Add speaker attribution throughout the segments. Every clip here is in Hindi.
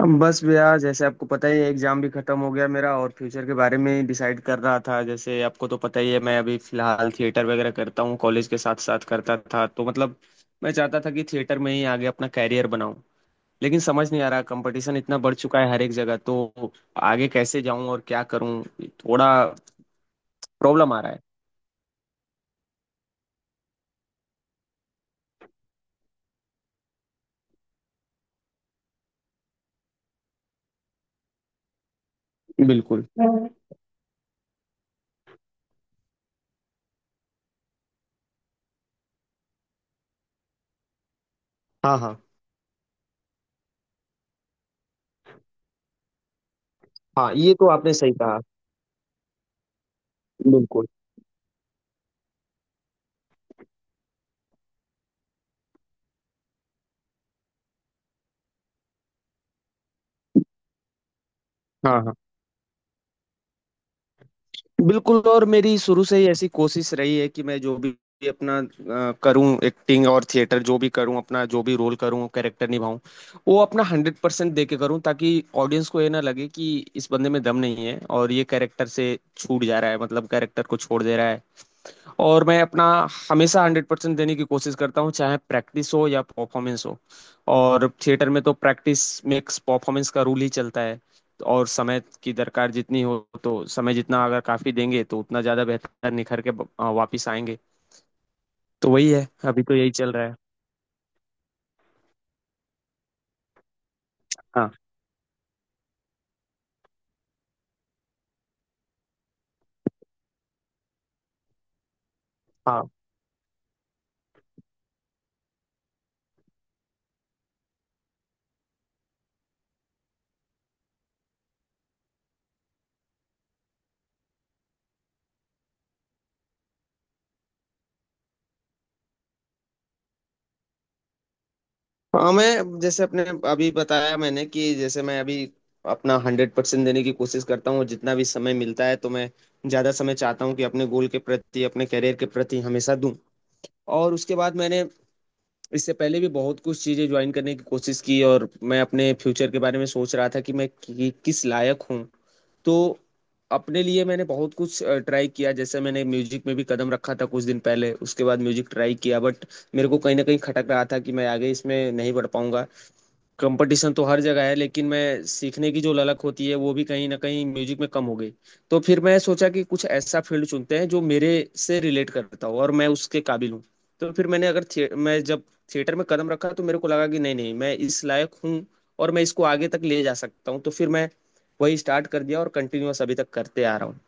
Speaker 1: हम बस भैया, जैसे आपको पता ही है, एग्जाम भी खत्म हो गया मेरा और फ्यूचर के बारे में डिसाइड कर रहा था। जैसे आपको तो पता ही है, मैं अभी फिलहाल थिएटर वगैरह करता हूँ, कॉलेज के साथ साथ करता था, तो मतलब मैं चाहता था कि थिएटर में ही आगे अपना कैरियर बनाऊं। लेकिन समझ नहीं आ रहा, कंपटीशन इतना बढ़ चुका है हर एक जगह, तो आगे कैसे जाऊं और क्या करूं। थोड़ा प्रॉब्लम आ रहा है। बिल्कुल। हाँ हाँ। हाँ, ये तो आपने सही कहा। बिल्कुल। हाँ हाँ। बिल्कुल, और मेरी शुरू से ही ऐसी कोशिश रही है कि मैं जो भी अपना करूं, एक्टिंग और थिएटर जो भी करूं, अपना जो भी रोल करूं, कैरेक्टर निभाऊं, वो अपना 100% दे के करूं, ताकि ऑडियंस को ये ना लगे कि इस बंदे में दम नहीं है और ये कैरेक्टर से छूट जा रहा है, मतलब कैरेक्टर को छोड़ दे रहा है। और मैं अपना हमेशा 100% देने की कोशिश करता हूँ, चाहे प्रैक्टिस हो या परफॉर्मेंस हो। और थिएटर में तो प्रैक्टिस मेक्स परफॉर्मेंस का रूल ही चलता है। और समय की दरकार जितनी हो, तो समय जितना अगर काफी देंगे तो उतना ज्यादा बेहतर निखर के वापिस आएंगे। तो वही है, अभी तो यही चल रहा है। हाँ हाँ। हाँ, मैं जैसे अपने अभी बताया मैंने कि जैसे मैं अभी अपना 100% देने की कोशिश करता हूँ, और जितना भी समय मिलता है तो मैं ज़्यादा समय चाहता हूँ कि अपने गोल के प्रति, अपने करियर के प्रति हमेशा दूँ। और उसके बाद मैंने, इससे पहले भी बहुत कुछ चीज़ें ज्वाइन करने की कोशिश की, और मैं अपने फ्यूचर के बारे में सोच रहा था कि मैं किस लायक हूँ। तो अपने लिए मैंने बहुत कुछ ट्राई किया। जैसे मैंने म्यूजिक में भी कदम रखा था कुछ दिन पहले, उसके बाद म्यूजिक ट्राई किया, बट मेरे को कहीं ना कहीं खटक रहा था कि मैं आगे इसमें नहीं बढ़ पाऊंगा। कंपटीशन तो हर जगह है, लेकिन मैं सीखने की जो ललक होती है वो भी कहीं ना कहीं म्यूजिक में कम हो गई। तो फिर मैं सोचा कि कुछ ऐसा फील्ड चुनते हैं जो मेरे से रिलेट करता हो और मैं उसके काबिल हूँ। तो फिर मैंने अगर थिए मैं जब थिएटर में कदम रखा तो मेरे को लगा कि नहीं नहीं, मैं इस लायक हूँ और मैं इसको आगे तक ले जा सकता हूँ। तो फिर मैं वही स्टार्ट कर दिया और कंटिन्यूअस अभी तक करते आ रहा हूँ।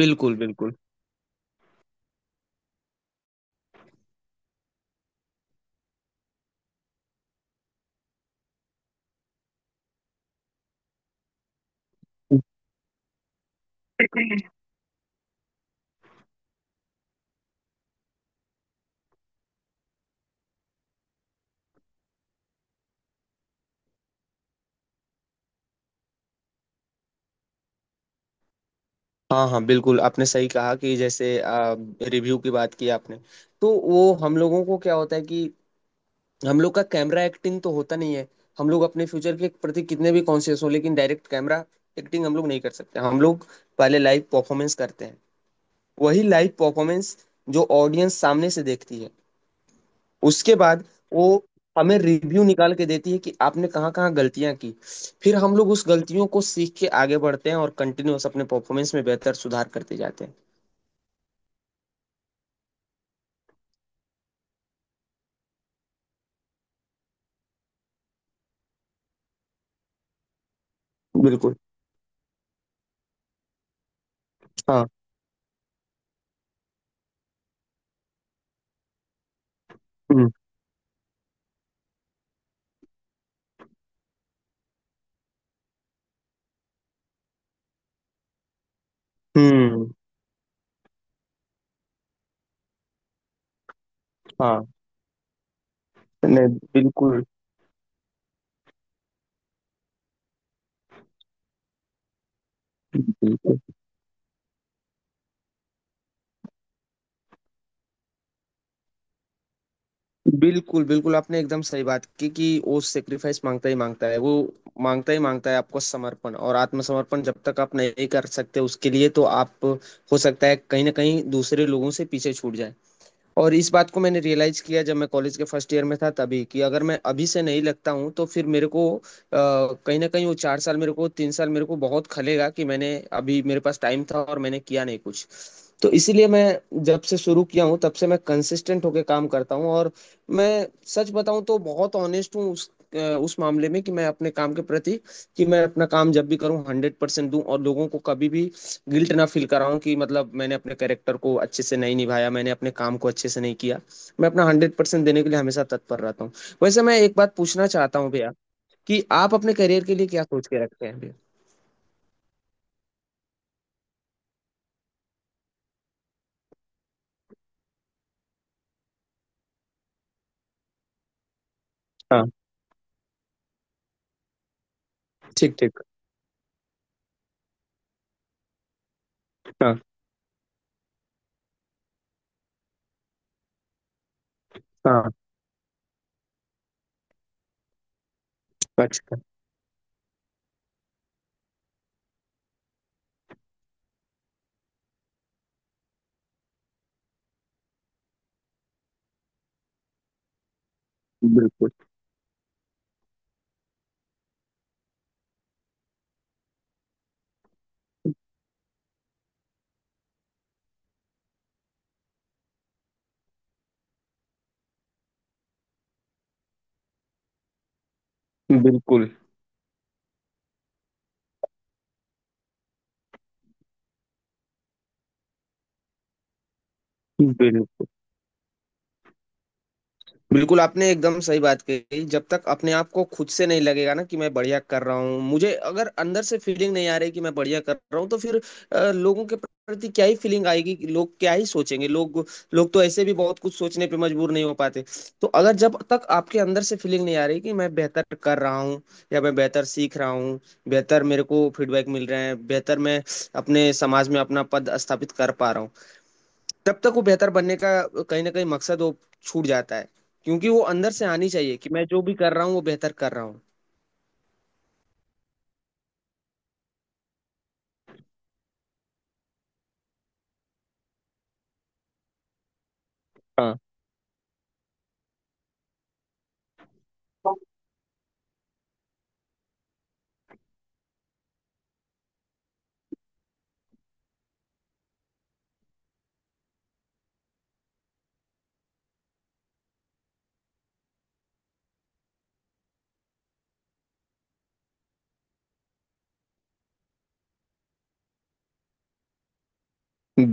Speaker 1: बिल्कुल बिल्कुल। हाँ हाँ। बिल्कुल, आपने सही कहा, कि जैसे रिव्यू की बात की आपने, तो वो हम लोगों को क्या होता है कि हम लोग का कैमरा एक्टिंग तो होता नहीं है। हम लोग अपने फ्यूचर के प्रति कितने भी कॉन्शियस हो, लेकिन डायरेक्ट कैमरा एक्टिंग हम लोग नहीं कर सकते। हम लोग पहले लाइव परफॉर्मेंस करते हैं, वही लाइव परफॉर्मेंस जो ऑडियंस सामने से देखती है। उसके बाद वो हमें रिव्यू निकाल के देती है कि आपने कहाँ कहाँ गलतियां की। फिर हम लोग उस गलतियों को सीख के आगे बढ़ते हैं और कंटिन्यूअस अपने परफॉर्मेंस में बेहतर सुधार करते जाते हैं। बिल्कुल। हाँ। हम्म हम्म, हाँ। नहीं। बिल्कुल बिल्कुल बिल्कुल बिल्कुल, आपने एकदम सही बात की कि वो सेक्रीफाइस मांगता ही मांगता है। वो मांगता ही मांगता है, आपको समर्पण और आत्मसमर्पण जब तक आप नहीं कर सकते उसके लिए, तो आप हो सकता है कहीं ना कहीं दूसरे लोगों से पीछे छूट जाए। और इस बात को मैंने रियलाइज किया जब मैं कॉलेज के फर्स्ट ईयर में था, तभी कि अगर मैं अभी से नहीं लगता हूँ तो फिर मेरे को कहीं ना कहीं वो 4 साल मेरे को, 3 साल मेरे को बहुत खलेगा कि मैंने, अभी मेरे पास टाइम था और मैंने किया नहीं कुछ। तो इसीलिए मैं जब से शुरू किया हूँ, तब से मैं कंसिस्टेंट होके काम करता हूँ। और मैं सच बताऊँ तो बहुत ऑनेस्ट हूँ उस मामले में, कि मैं अपने काम के प्रति, कि मैं अपना काम जब भी करूँ 100% दूं, और लोगों को कभी भी गिल्ट ना फील कर रहा हूँ कि मतलब मैंने अपने कैरेक्टर को अच्छे से नहीं निभाया, मैंने अपने काम को अच्छे से नहीं किया। मैं अपना 100% देने के लिए हमेशा तत्पर रहता हूँ। वैसे मैं एक बात पूछना चाहता हूँ भैया, कि आप अपने करियर के लिए क्या सोच के रखते हैं भैया? हाँ। ठीक ठीक। हाँ हाँ। अच्छा। बिल्कुल बिल्कुल बिल्कुल बिल्कुल, आपने एकदम सही बात कही। जब तक अपने आप को खुद से नहीं लगेगा ना कि मैं बढ़िया कर रहा हूँ, मुझे अगर अंदर से फीलिंग नहीं आ रही कि मैं बढ़िया कर रहा हूँ, तो फिर लोगों के प्रति क्या ही फीलिंग आएगी, कि लोग क्या ही सोचेंगे। लोग, लोग तो ऐसे भी बहुत कुछ सोचने पे मजबूर नहीं हो पाते। तो अगर, जब तक आपके अंदर से फीलिंग नहीं आ रही कि मैं बेहतर कर रहा हूँ या मैं बेहतर सीख रहा हूँ, बेहतर मेरे को फीडबैक मिल रहे हैं, बेहतर मैं अपने समाज में अपना पद स्थापित कर पा रहा हूँ, तब तक वो बेहतर बनने का कहीं ना कहीं मकसद वो छूट जाता है। क्योंकि वो अंदर से आनी चाहिए कि मैं जो भी कर रहा हूँ वो बेहतर कर रहा हूँ। हाँ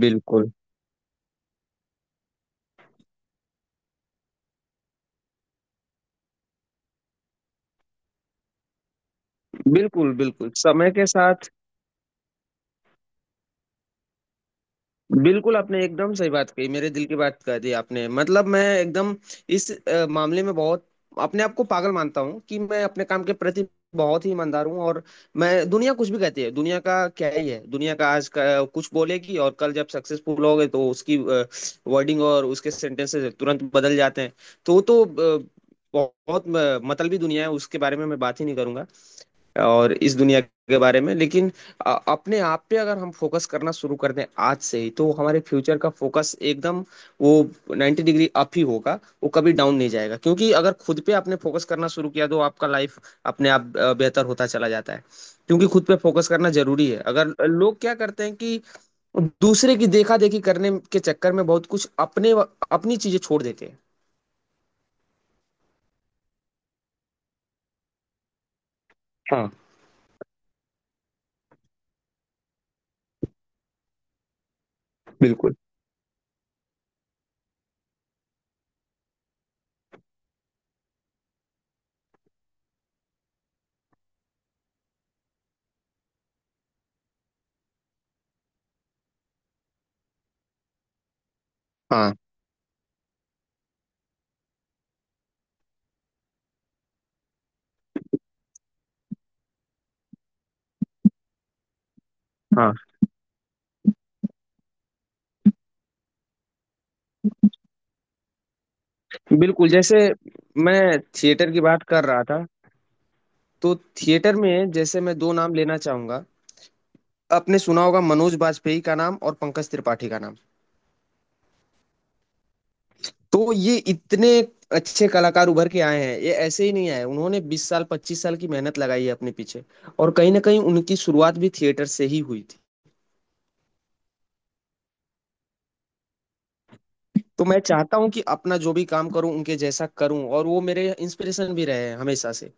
Speaker 1: बिल्कुल बिल्कुल। बिल्कुल, समय के साथ। बिल्कुल, आपने एकदम सही बात कही, मेरे दिल की बात कह दी आपने। मतलब मैं एकदम इस मामले में बहुत अपने आप को पागल मानता हूँ कि मैं अपने काम के प्रति बहुत ही ईमानदार हूँ। और मैं, दुनिया कुछ भी कहती है, दुनिया का क्या ही है, दुनिया का आज का कुछ बोलेगी और कल जब सक्सेसफुल होगे तो उसकी वर्डिंग और उसके सेंटेंसेस तुरंत बदल जाते हैं। तो वो तो बहुत बहुत, मतलबी दुनिया है, उसके बारे में मैं बात ही नहीं करूंगा। और इस दुनिया के बारे में, लेकिन अपने आप पे अगर हम फोकस करना शुरू कर दें आज से ही, तो हमारे फ्यूचर का फोकस एकदम वो 90 डिग्री अप ही होगा, वो कभी डाउन नहीं जाएगा। क्योंकि अगर खुद पे आपने फोकस करना शुरू किया तो आपका लाइफ अपने आप बेहतर होता चला जाता है। क्योंकि खुद पे फोकस करना जरूरी है। अगर लोग क्या करते हैं कि दूसरे की देखा देखी करने के चक्कर में बहुत कुछ अपने, अपनी चीजें छोड़ देते हैं। हाँ बिल्कुल। हाँ हाँ बिल्कुल, जैसे मैं थिएटर की बात कर रहा था, तो थिएटर में जैसे मैं दो नाम लेना चाहूंगा। आपने सुना होगा मनोज बाजपेयी का नाम और पंकज त्रिपाठी का नाम। तो ये इतने अच्छे कलाकार उभर के आए हैं, ये ऐसे ही नहीं आए, उन्होंने 20 साल 25 साल की मेहनत लगाई है अपने पीछे। और कहीं ना कहीं उनकी शुरुआत भी थिएटर से ही हुई थी। तो मैं चाहता हूँ कि अपना जो भी काम करूँ उनके जैसा करूँ, और वो मेरे इंस्पिरेशन भी रहे हैं हमेशा से।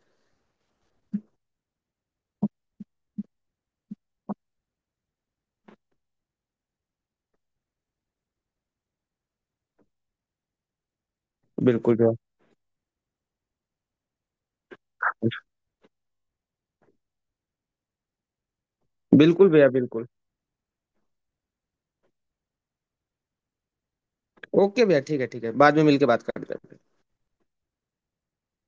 Speaker 1: बिल्कुल भैया। बिल्कुल भैया बिल्कुल। ओके भैया, ठीक है ठीक है, बाद में मिलके बात करते हैं।